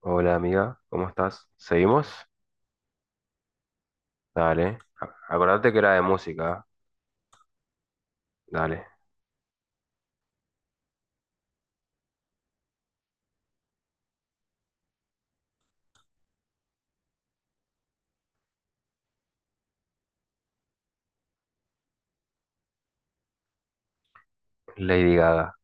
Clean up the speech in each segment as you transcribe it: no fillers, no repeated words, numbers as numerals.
Hola amiga, ¿cómo estás? ¿Seguimos? Dale. Acordate que era de música. Dale. Lady Gaga.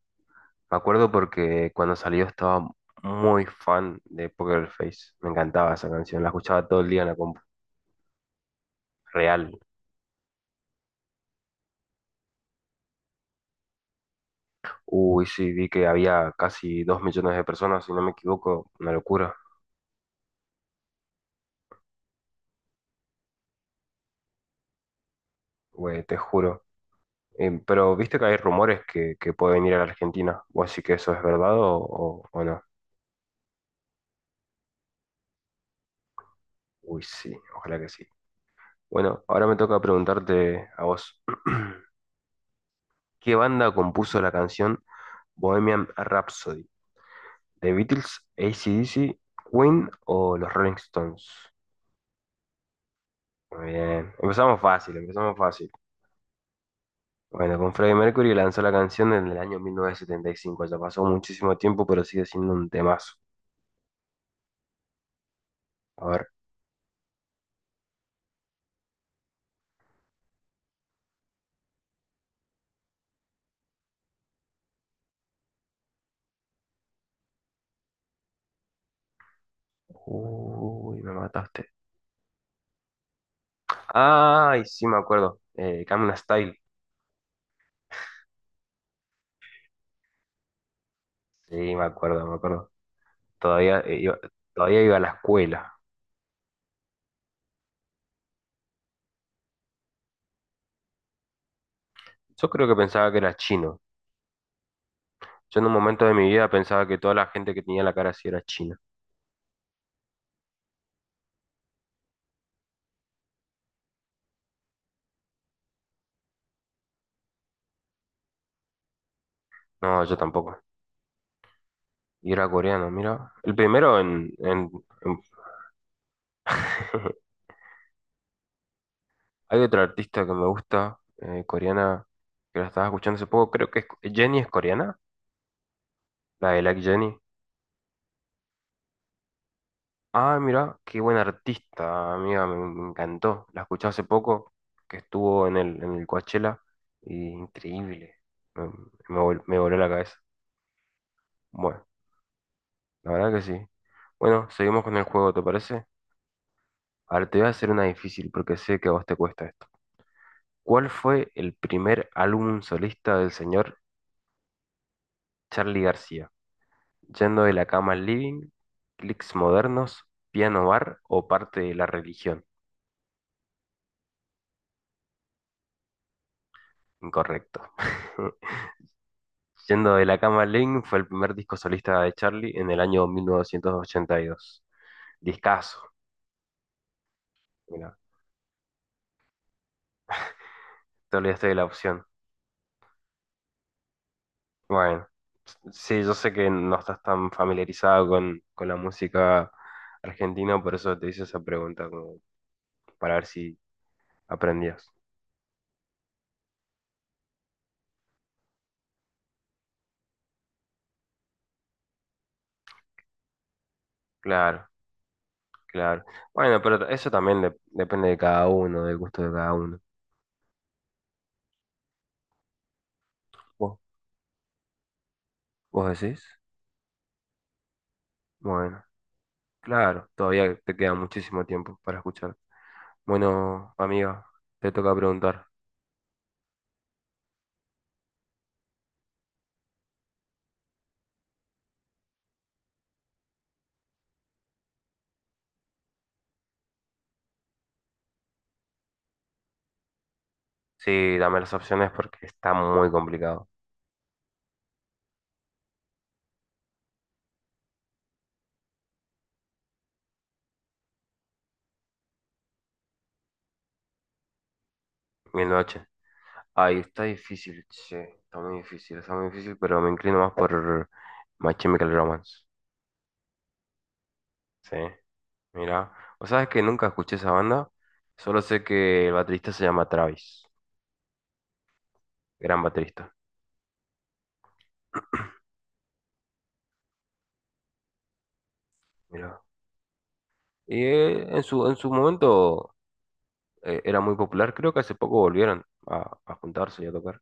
Me acuerdo porque cuando salió estaba muy fan de Poker Face. Me encantaba esa canción. La escuchaba todo el día en la compu. Real. Uy, sí, vi que había casi 2 millones de personas, si no me equivoco. Una locura. Güey, te juro. Pero viste que hay rumores que puede venir a la Argentina. ¿Vos sí que eso es verdad o no? Uy, sí. Ojalá que sí. Bueno, ahora me toca preguntarte a vos. ¿Qué banda compuso la canción Bohemian Rhapsody? ¿The Beatles, AC/DC, Queen o los Rolling Stones? Muy bien, empezamos fácil, empezamos fácil. Bueno, con Freddie Mercury lanzó la canción en el año 1975. Ya pasó muchísimo tiempo, pero sigue siendo un temazo. A ver, uy, me mataste. Ay, sí, me acuerdo. Gangnam Style. Sí, me acuerdo, me acuerdo. Todavía eh, iba, todavía iba a la escuela. Yo creo que pensaba que era chino. Yo en un momento de mi vida pensaba que toda la gente que tenía la cara así era china. No, yo tampoco. Y era coreano, mira. El primero en- Hay otra artista que me gusta, coreana, que la estaba escuchando hace poco. Jenny es coreana, la de Like Jenny. Ah, mira, qué buena artista, amiga, me encantó. La escuché hace poco, que estuvo en el Coachella. Y increíble. Me, me voló la cabeza. Bueno. La verdad que sí. Bueno, seguimos con el juego, ¿te parece? Ahora te voy a hacer una difícil porque sé que a vos te cuesta esto. ¿Cuál fue el primer álbum solista del señor Charly García? ¿Yendo de la cama al living, clics modernos, piano bar o parte de la religión? Incorrecto. Yendo de la cama al living fue el primer disco solista de Charly en el año 1982. Discazo. Mira, te olvidaste de la opción. Bueno, sí, yo sé que no estás tan familiarizado con la música argentina, por eso te hice esa pregunta, como para ver si aprendías. Claro, claro. Bueno, pero eso también depende de cada uno, del gusto de cada uno. ¿Vos, vos decís? Bueno, claro, todavía te queda muchísimo tiempo para escuchar. Bueno, amiga, te toca preguntar. Sí, dame las opciones porque está muy complicado. Mil noches. Ahí está difícil, che, está muy difícil, pero me inclino más por My Chemical Romance. Sí, mira. O sabes que nunca escuché esa banda, solo sé que el baterista se llama Travis, gran baterista. Mira. Y en su momento era muy popular, creo que hace poco volvieron a juntarse y a tocar.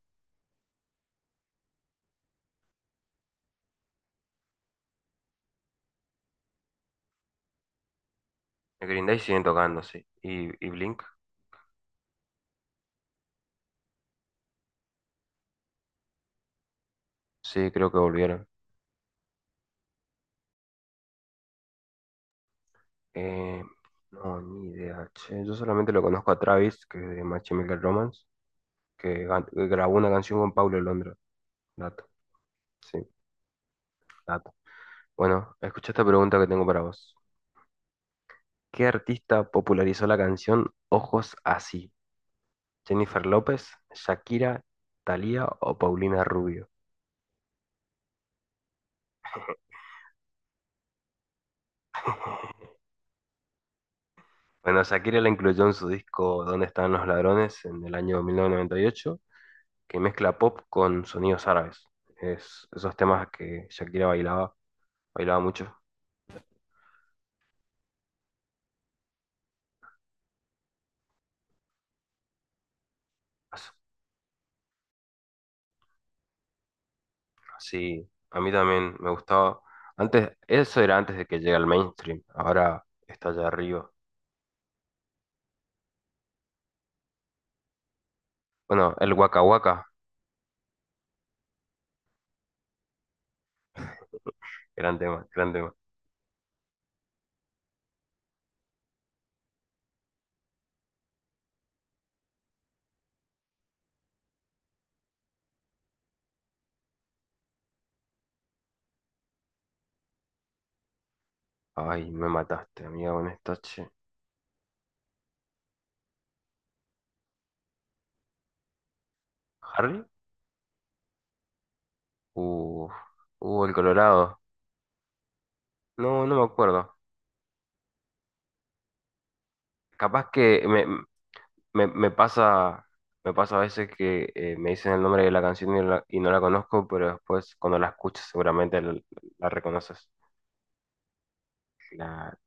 Green Day siguen tocando, sí. Y Blink, sí, creo que volvieron. Eh, no, ni idea, che. Yo solamente lo conozco a Travis, que es de My Chemical Romance, que grabó una canción con Paulo Londra. Dato, sí, dato. Bueno, escucha esta pregunta que tengo para vos. ¿Qué artista popularizó la canción Ojos Así? ¿Jennifer López, Shakira, Thalía o Paulina Rubio? Bueno, Shakira la incluyó en su disco ¿Dónde están los ladrones? En el año 1998, que mezcla pop con sonidos árabes. Es esos temas que Shakira bailaba, bailaba mucho. Sí, a mí también me gustaba. Antes, eso era antes de que llegue al mainstream. Ahora está allá arriba. Bueno, el Waka Waka, gran tema, gran tema. Ay, me mataste, amiga, con esta, che. ¿Harry? Uh, el Colorado. No, no me acuerdo. Capaz que me, me pasa, me pasa a veces que me dicen el nombre de la canción y no la conozco, pero después cuando la escuches seguramente la reconoces. La,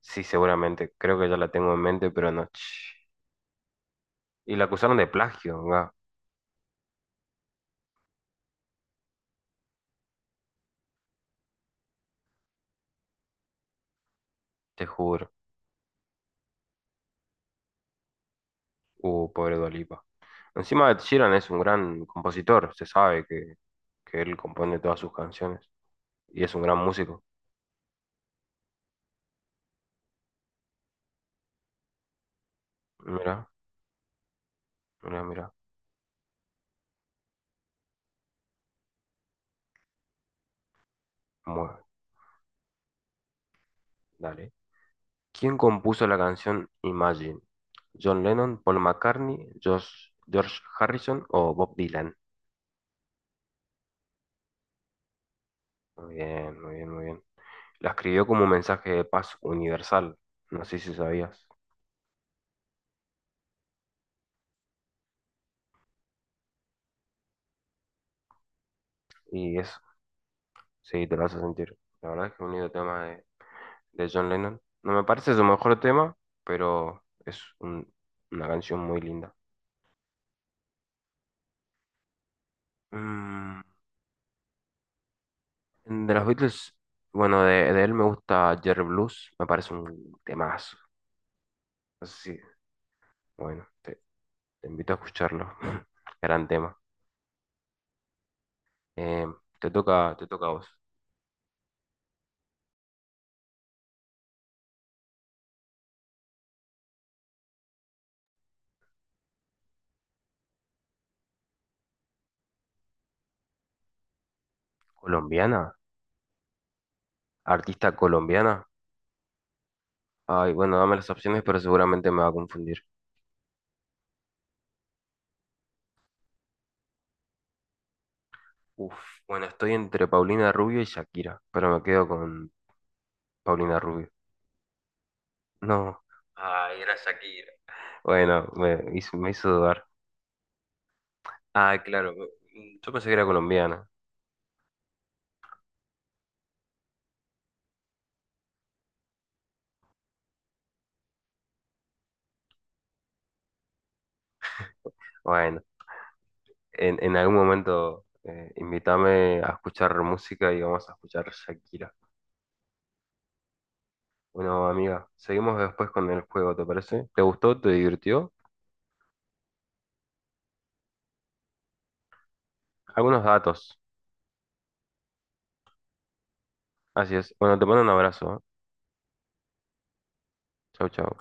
sí, seguramente. Creo que ya la tengo en mente, pero no. Y la acusaron de plagio, ¿verdad? Te juro. Pobre Dua Lipa. Encima Ed Sheeran es un gran compositor, se sabe que él compone todas sus canciones. Y es un gran músico. Mira, mira, mira. Mueve, dale. ¿Quién compuso la canción Imagine? ¿John Lennon, Paul McCartney, George Harrison o Bob Dylan? Muy bien, muy bien, muy bien. La escribió como un mensaje de paz universal. No sé si sabías. Y eso, sí, te lo vas a sentir. La verdad es que es un lindo tema de John Lennon. No me parece su mejor tema, pero es una canción muy linda. Mm, de los Beatles, bueno, de él me gusta Jerry Blues, me parece un temazo. Así, bueno, te invito a escucharlo. Gran tema. Eh, te toca a vos. ¿Colombiana? ¿Artista colombiana? Ay, bueno, dame las opciones, pero seguramente me va a confundir. Uf, bueno, estoy entre Paulina Rubio y Shakira, pero me quedo con Paulina Rubio. No. Ay, era Shakira. Bueno, me hizo dudar. Ah, claro, yo pensé que era colombiana. Bueno, en algún momento invítame a escuchar música y vamos a escuchar Shakira. Bueno, amiga, seguimos después con el juego, ¿te parece? ¿Te gustó? ¿Te divirtió? Algunos datos. Así es. Bueno, te mando un abrazo. ¿Eh? Chau, chau.